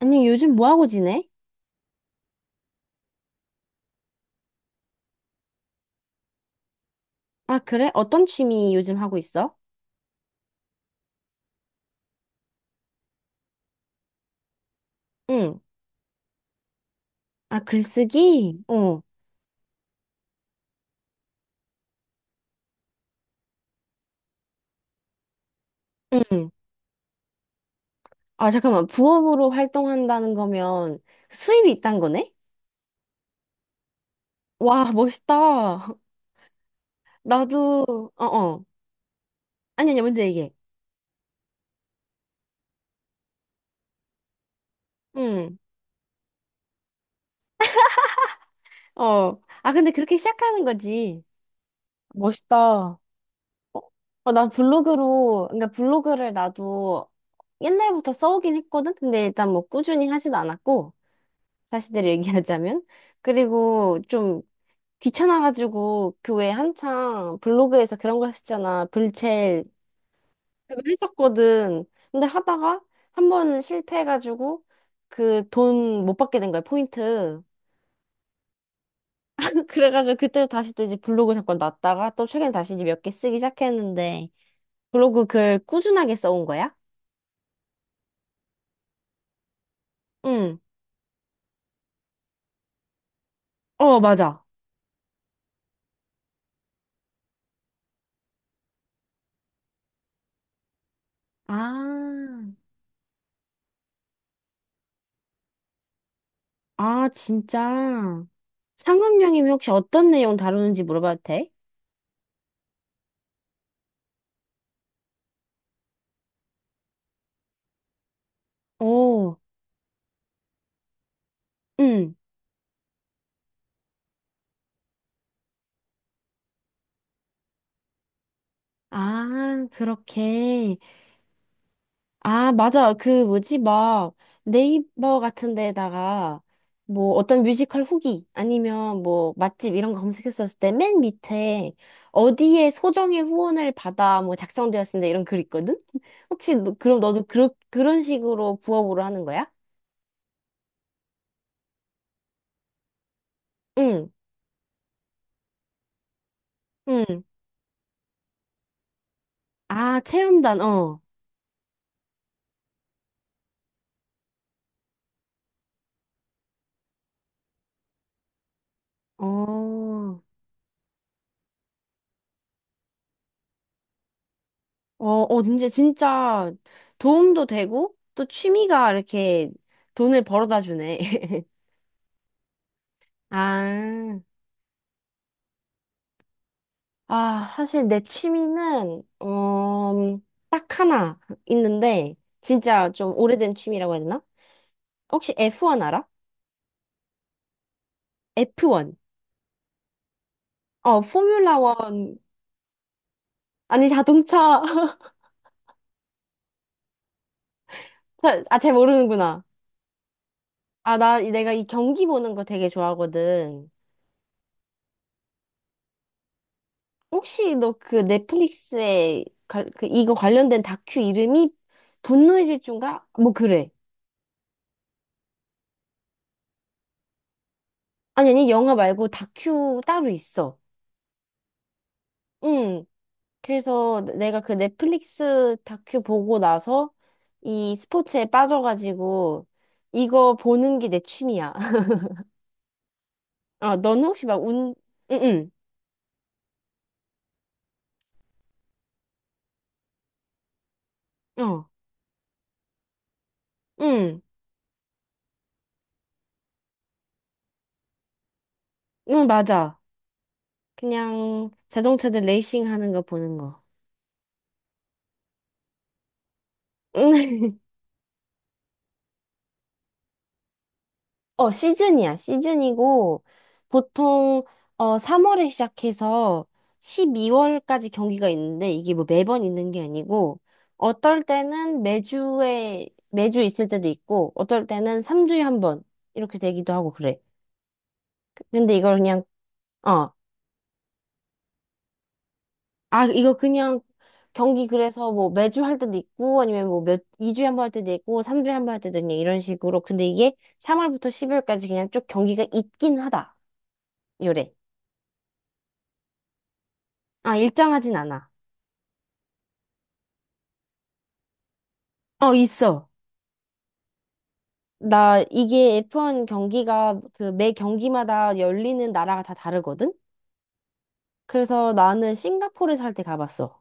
아니, 요즘 뭐 하고 지내? 아, 그래? 어떤 취미 요즘 하고 있어? 응. 아, 글쓰기? 어. 응. 아, 잠깐만. 부업으로 활동한다는 거면 수입이 있단 거네? 와, 멋있다. 나도, 어어. 아니, 아니, 먼저 얘기해. 응. 어. 아, 근데 그렇게 시작하는 거지. 멋있다. 어, 어, 나 블로그로, 그러니까 블로그를 나도 옛날부터 써오긴 했거든? 근데 일단 뭐 꾸준히 하진 않았고, 사실대로 얘기하자면. 그리고 좀 귀찮아가지고 교회 한창 블로그에서 그런 거 했잖아. 불첼 그거 했었거든. 근데 하다가 한 번 실패해가지고 그 돈 못 받게 된 거야, 포인트. 그래가지고 그때 다시 또 이제 블로그 잠깐 놨다가 또 최근에 다시 이제 몇 개 쓰기 시작했는데 블로그 글 꾸준하게 써온 거야? 응. 어, 맞아. 아, 아, 진짜. 상업용이면 혹시 어떤 내용 다루는지 물어봐도 돼? 오, 응. 아, 그렇게. 아, 맞아. 그 뭐지? 막 네이버 같은 데다가 뭐 어떤 뮤지컬 후기 아니면 뭐 맛집 이런 거 검색했었을 때 맨 밑에 어디에 소정의 후원을 받아 뭐 작성되었습니다 이런 글 있거든? 혹시 너, 그럼 너도 그런 식으로 부업으로 하는 거야? 응, 응. 아, 체험단, 어. 어, 어, 어, 진짜, 진짜 도움도 되고 또 취미가 이렇게 돈을 벌어다 주네. 아. 아, 사실 내 취미는, 딱 하나 있는데, 진짜 좀 오래된 취미라고 해야 되나? 혹시 F1 알아? F1. 어, 포뮬라 1. 아니, 자동차. 잘, 아, 잘 모르는구나. 아, 내가 이 경기 보는 거 되게 좋아하거든. 혹시 너 그 넷플릭스에, 이거 관련된 다큐 이름이 분노의 질주인가? 뭐, 그래. 아니, 아니, 영화 말고 다큐 따로 있어. 응. 그래서 내가 그 넷플릭스 다큐 보고 나서 이 스포츠에 빠져가지고 이거 보는 게 내 취미야. 어, 너는 혹시 막 응, 응, 어, 응, 응, 맞아. 그냥 자동차들 레이싱 하는 거 보는 거. 어, 시즌이야. 시즌이고, 보통, 어, 3월에 시작해서 12월까지 경기가 있는데, 이게 뭐 매번 있는 게 아니고, 어떨 때는 매주 있을 때도 있고, 어떨 때는 3주에 한 번, 이렇게 되기도 하고 그래. 근데 이걸 그냥, 어, 아, 이거 그냥 경기 그래서 뭐 매주 할 때도 있고, 아니면 뭐 2주에 한 번 할 때도 있고, 3주에 한 번 할 때도 있냐, 이런 식으로. 근데 이게 3월부터 12월까지 그냥 쭉 경기가 있긴 하다. 요래. 아, 일정하진 않아. 어, 있어. 나 이게 F1 경기가 그 매 경기마다 열리는 나라가 다 다르거든? 그래서 나는 싱가포르 살 때 가봤어.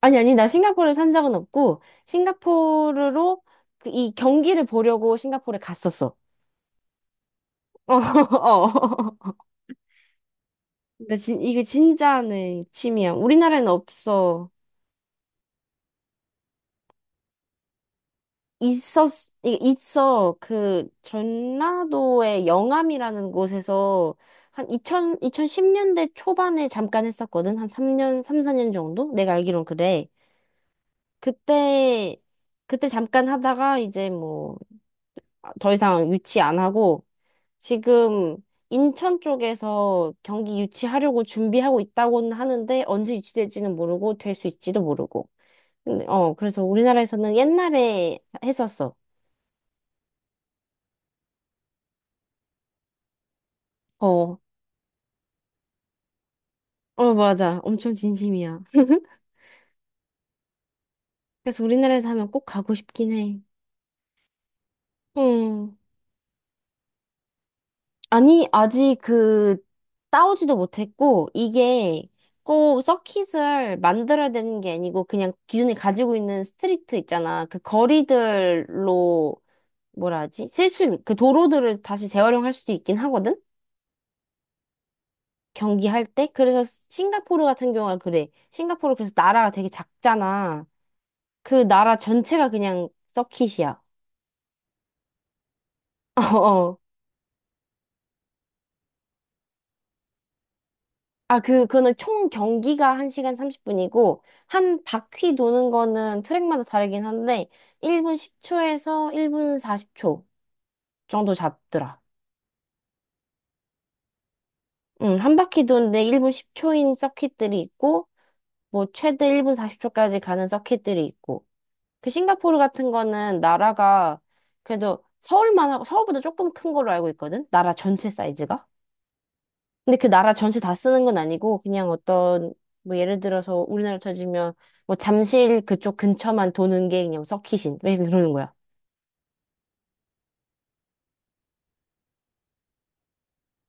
아니, 아니, 나 싱가포르 산 적은 없고, 싱가포르로 그 이 경기를 보려고 싱가포르에 갔었어. 어, 어. 이게 진짜 내 취미야. 우리나라에는 없어. 있어. 그, 전라도의 영암이라는 곳에서 한2 0 2010년대 초반에 잠깐 했었거든. 한 3년, 3, 4년 정도? 내가 알기론 그래. 그때, 그때 잠깐 하다가 이제 뭐, 더 이상 유치 안 하고, 지금 인천 쪽에서 경기 유치하려고 준비하고 있다고는 하는데, 언제 유치될지는 모르고, 될 수 있지도 모르고. 근데, 어, 그래서 우리나라에서는 옛날에 했었어. 어, 어, 맞아. 엄청 진심이야. 그래서 우리나라에서 하면 꼭 가고 싶긴 해. 음. 아니, 아직 그, 싸우지도 못했고, 이게 꼭 서킷을 만들어야 되는 게 아니고, 그냥 기존에 가지고 있는 스트리트 있잖아. 그 거리들로, 뭐라 하지? 쓸 수 있는 그 도로들을 다시 재활용할 수도 있긴 하거든? 경기할 때? 그래서 싱가포르 같은 경우가 그래. 싱가포르 그래서 나라가 되게 작잖아. 그 나라 전체가 그냥 서킷이야. 어. 아, 그거는 총 경기가 1시간 30분이고, 한 바퀴 도는 거는 트랙마다 다르긴 한데, 1분 10초에서 1분 40초 정도 잡더라. 응, 한 바퀴 도는데 1분 10초인 서킷들이 있고, 뭐, 최대 1분 40초까지 가는 서킷들이 있고. 그 싱가포르 같은 거는 나라가 그래도 서울만 하고, 서울보다 조금 큰 걸로 알고 있거든? 나라 전체 사이즈가? 근데 그 나라 전체 다 쓰는 건 아니고 그냥 어떤 뭐 예를 들어서 우리나라 쳐지면 뭐 잠실 그쪽 근처만 도는 게 그냥 서킷인 왜 그러는 거야?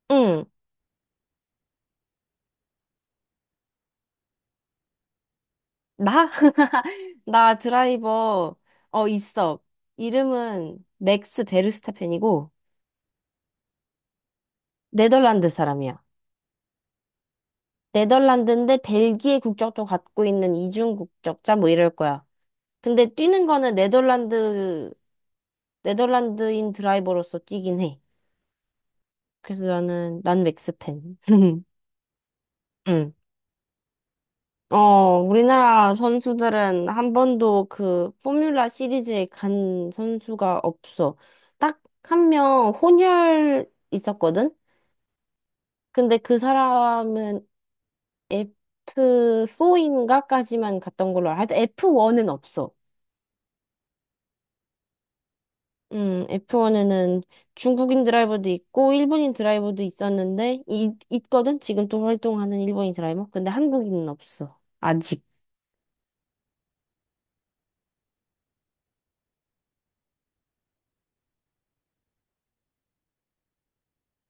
응. 나? 나 드라이버 어 있어. 이름은 맥스 베르스타펜이고 네덜란드 사람이야. 네덜란드인데 벨기에 국적도 갖고 있는 이중 국적자 뭐 이럴 거야. 근데 뛰는 거는 네덜란드인 드라이버로서 뛰긴 해. 그래서 나는 난 맥스팬. 응. 어, 우리나라 선수들은 한 번도 그 포뮬라 시리즈에 간 선수가 없어. 딱 한 명 혼혈 있었거든? 근데 그 사람은 F4인가까지만 갔던 걸로 알아. 하여튼 F1은 없어. F1에는 중국인 드라이버도 있고 일본인 드라이버도 있었는데 있거든? 지금 또 활동하는 일본인 드라이버. 근데 한국인은 없어. 아직.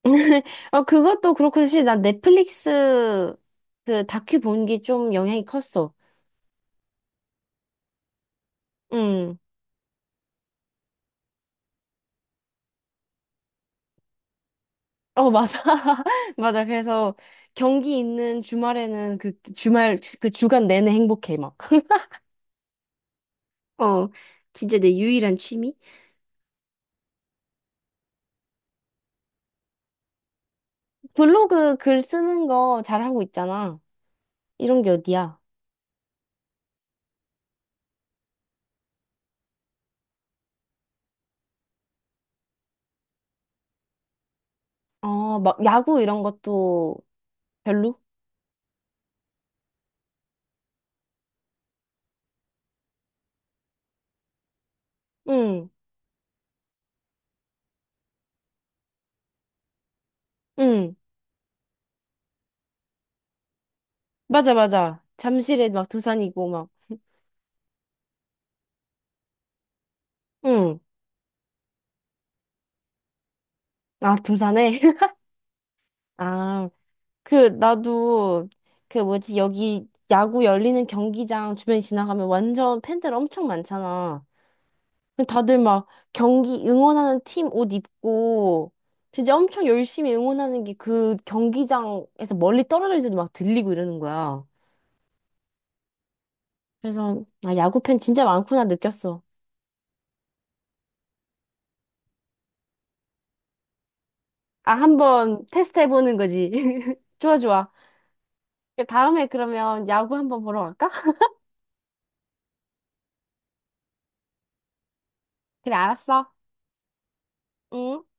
어, 그것도 그렇고, 사실 난 넷플릭스 그 다큐 본 게 좀 영향이 컸어. 응. 어, 맞아. 맞아. 그래서 경기 있는 주말에는 그 주말, 그 주간 내내 행복해, 막. 어, 진짜 내 유일한 취미? 블로그 글 쓰는 거 잘하고 있잖아. 이런 게 어디야? 어, 막 야구 이런 것도 별로? 응, 응. 맞아, 맞아. 잠실에 막 두산이고 막. 응. 아, 두산에? 아. 그, 나도, 그 뭐지, 여기 야구 열리는 경기장 주변 지나가면 완전 팬들 엄청 많잖아. 다들 막 경기 응원하는 팀 옷 입고, 진짜 엄청 열심히 응원하는 게 그 경기장에서 멀리 떨어질지도 막 들리고 이러는 거야. 그래서, 아, 야구 팬 진짜 많구나 느꼈어. 아, 한번 테스트 해보는 거지. 좋아, 좋아. 다음에 그러면 야구 한번 보러 갈까? 그래, 알았어. 응.